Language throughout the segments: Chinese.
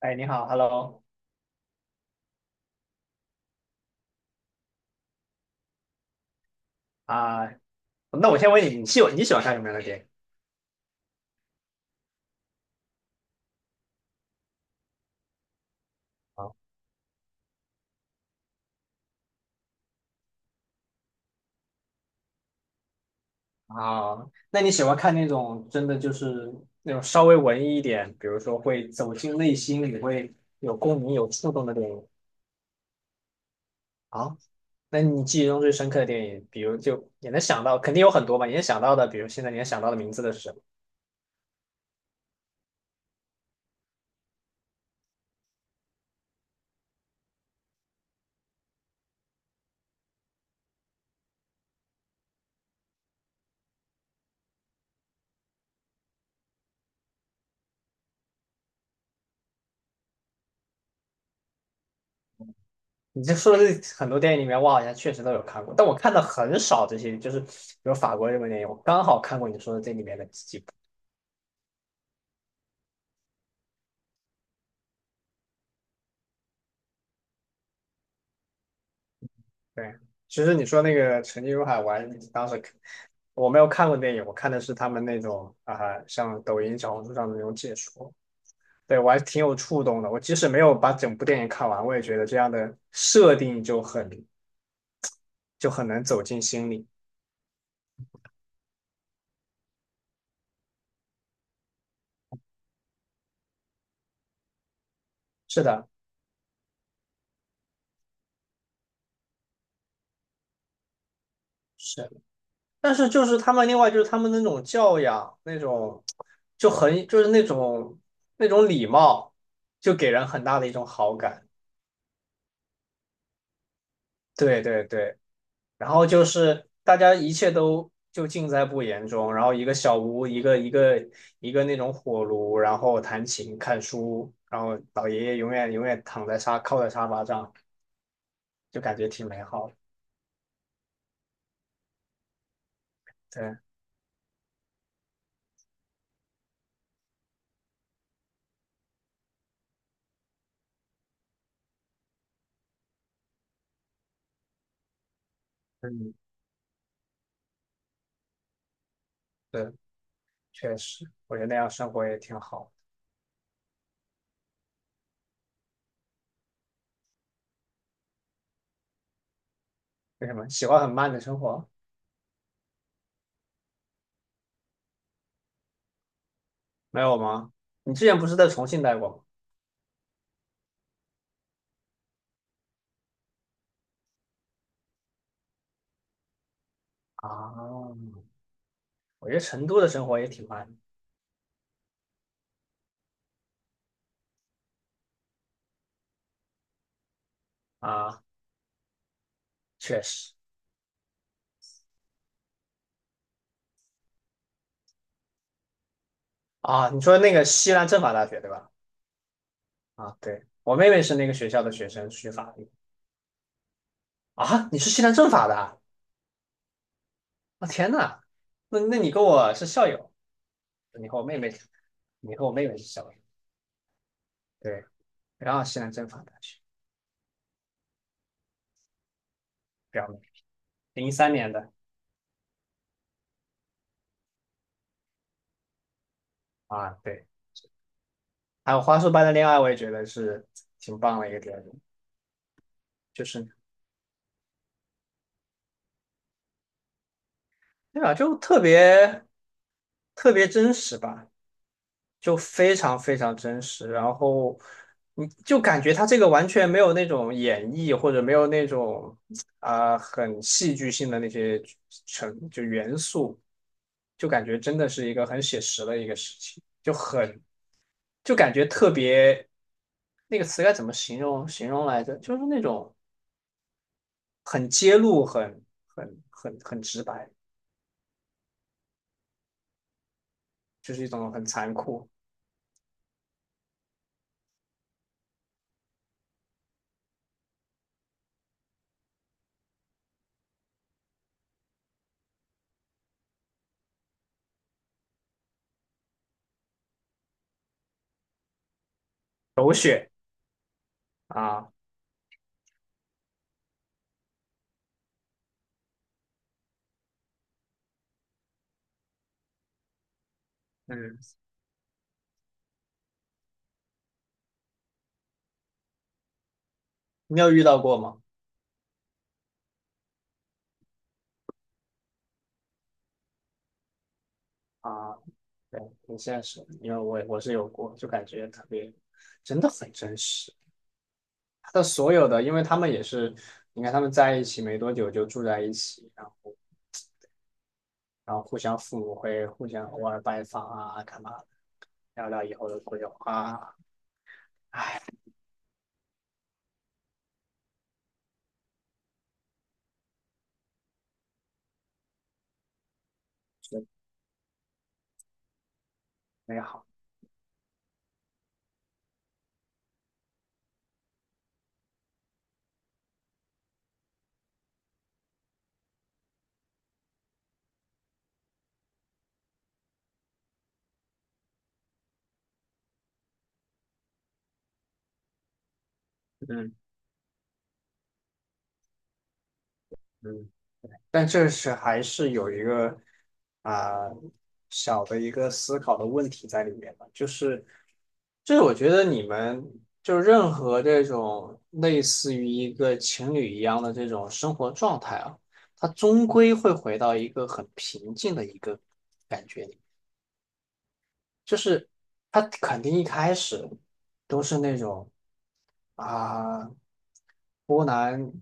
哎，你好，Hello。 啊，那我先问你，你喜欢看什么样的电影？啊。啊，那你喜欢看那种真的就是那种稍微文艺一点，比如说会走进内心，你会有共鸣、有触动的电影？啊，那你记忆中最深刻的电影，比如就也能想到，肯定有很多吧？你能想到的，比如现在你能想到的名字的是什么？你这说的这很多电影里面，我好像确实都有看过，但我看的很少这些，就是比如法国日本电影，我刚好看过你说的这里面的几部。对，其实你说那个《沉浸如海》，我还当时我没有看过电影，我看的是他们那种像抖音、小红书上的那种解说，对我还挺有触动的。我即使没有把整部电影看完，我也觉得这样的设定就很就很难走进心里。是的。是，但是就是他们另外就是他们那种教养，那种就很就是那种那种礼貌，就给人很大的一种好感。对对对。然后就是大家一切都就尽在不言中，然后一个小屋，一个那种火炉，然后弹琴、看书，然后老爷爷永远永远躺在沙靠在沙发上，就感觉挺美好的。对。嗯。对，确实，我觉得那样生活也挺好。为什么喜欢很慢的生活？没有吗？你之前不是在重庆待过吗？啊，我觉得成都的生活也挺慢的。啊，确实。啊。你说那个西南政法大学对吧？啊，对，我妹妹是那个学校的学生，学法律。啊。你是西南政法的啊？啊天呐，那那你跟我是校友。你和我妹妹，你和我妹妹是校友。对，然后西南政法大学。表妹，03年的。啊，对。还有花束般的恋爱，我也觉得是挺棒的一个电影，就是。对吧，就特别特别真实吧。就非常非常真实，然后你就感觉他这个完全没有那种演绎，或者没有那种很戏剧性的那些成就元素，就感觉真的是一个很写实的一个事情，就很就感觉特别那个词该怎么形容形容来着？就是那种很揭露、很很很很直白，就是一种很残酷、狗血啊。嗯，你有遇到过吗？啊，对，挺现实的，因为我我是有过，就感觉特别，真的很真实。他的所有的，因为他们也是，你看他们在一起没多久就住在一起，然后然后互相父母会互相偶尔拜访啊，干嘛的聊聊以后的规划啊，哎，真美好。嗯。嗯。但这是还是有一个啊、小的一个思考的问题在里面吧，就是就是我觉得你们就任何这种类似于一个情侣一样的这种生活状态啊，它终归会回到一个很平静的一个感觉。里。就是他肯定一开始都是那种啊、波澜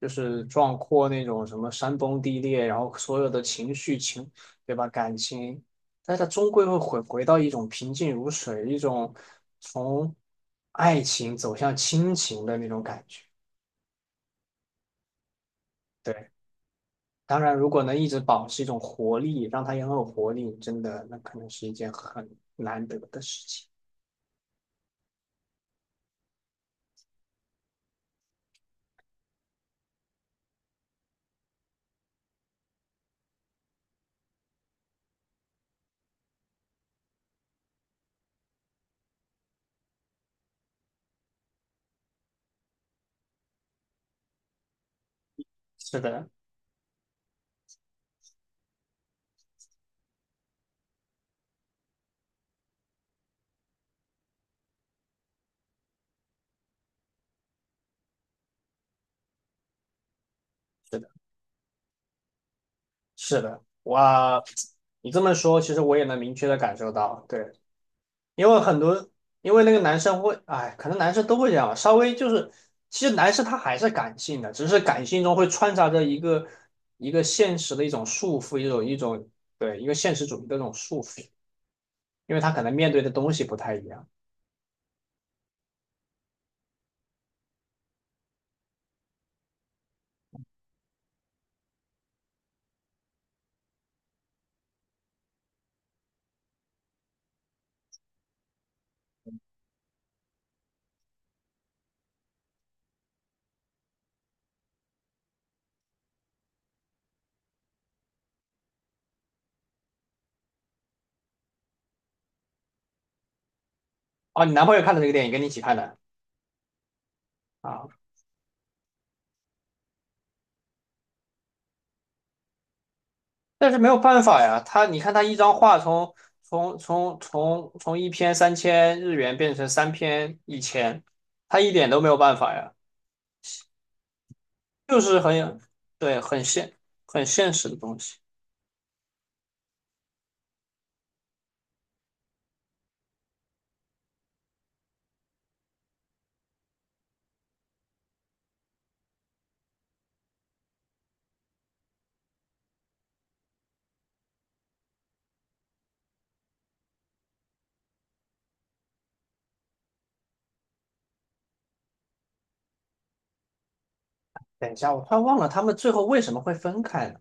就是壮阔那种什么山崩地裂，然后所有的情绪情对吧感情，但是他终归会回回到一种平静如水，一种从爱情走向亲情的那种感觉。对，当然如果能一直保持一种活力，让他也很有活力，真的那可能是一件很难得的事情。是的。是的，我你这么说，其实我也能明确的感受到，对，因为很多，因为那个男生会，哎，可能男生都会这样吧稍微就是，其实男生他还是感性的，只是感性中会穿插着一个一个现实的一种束缚，一种一种对一个现实主义的这种束缚，因为他可能面对的东西不太一样。哦，你男朋友看的这个电影，跟你一起看的啊？但是没有办法呀，他你看他一张画从一篇3000日元变成3篇1000，他一点都没有办法呀，就是很对很现很现实的东西。等一下，我突然忘了他们最后为什么会分开呢？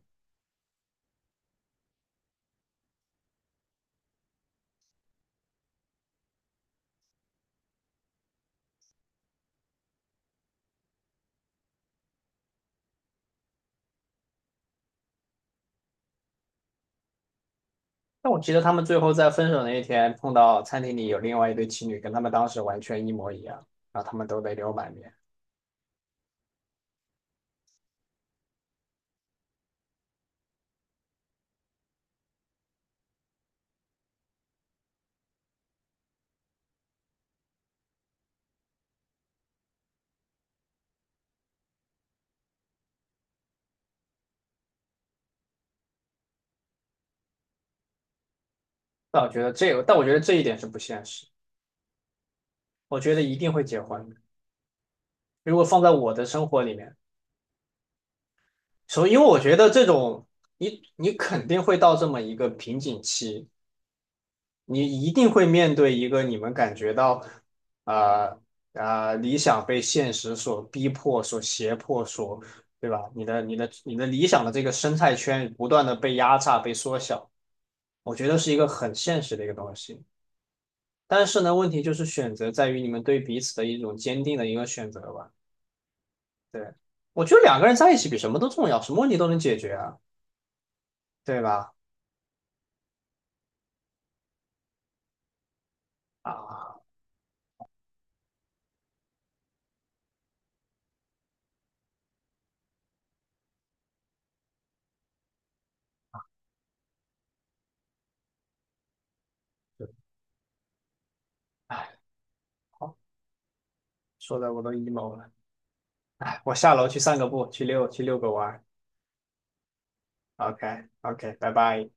但我记得他们最后在分手那一天碰到餐厅里有另外一对情侣，跟他们当时完全一模一样，然后他们都泪流满面。但我觉得这个，但我觉得这一点是不现实，我觉得一定会结婚的如果放在我的生活里面。所以，因为我觉得这种，你你肯定会到这么一个瓶颈期，你一定会面对一个你们感觉到，啊。啊，理想被现实所逼迫、所胁迫、所，对吧？你的你的你的理想的这个生态圈不断的被压榨、被缩小，我觉得是一个很现实的一个东西。但是呢，问题就是选择在于你们对彼此的一种坚定的一个选择吧。对，我觉得两个人在一起比什么都重要，什么问题都能解决啊，对吧？啊。哎，好，说的我都 emo 了。哎，我下楼去散个步，去遛个弯儿。 OK OK，拜拜。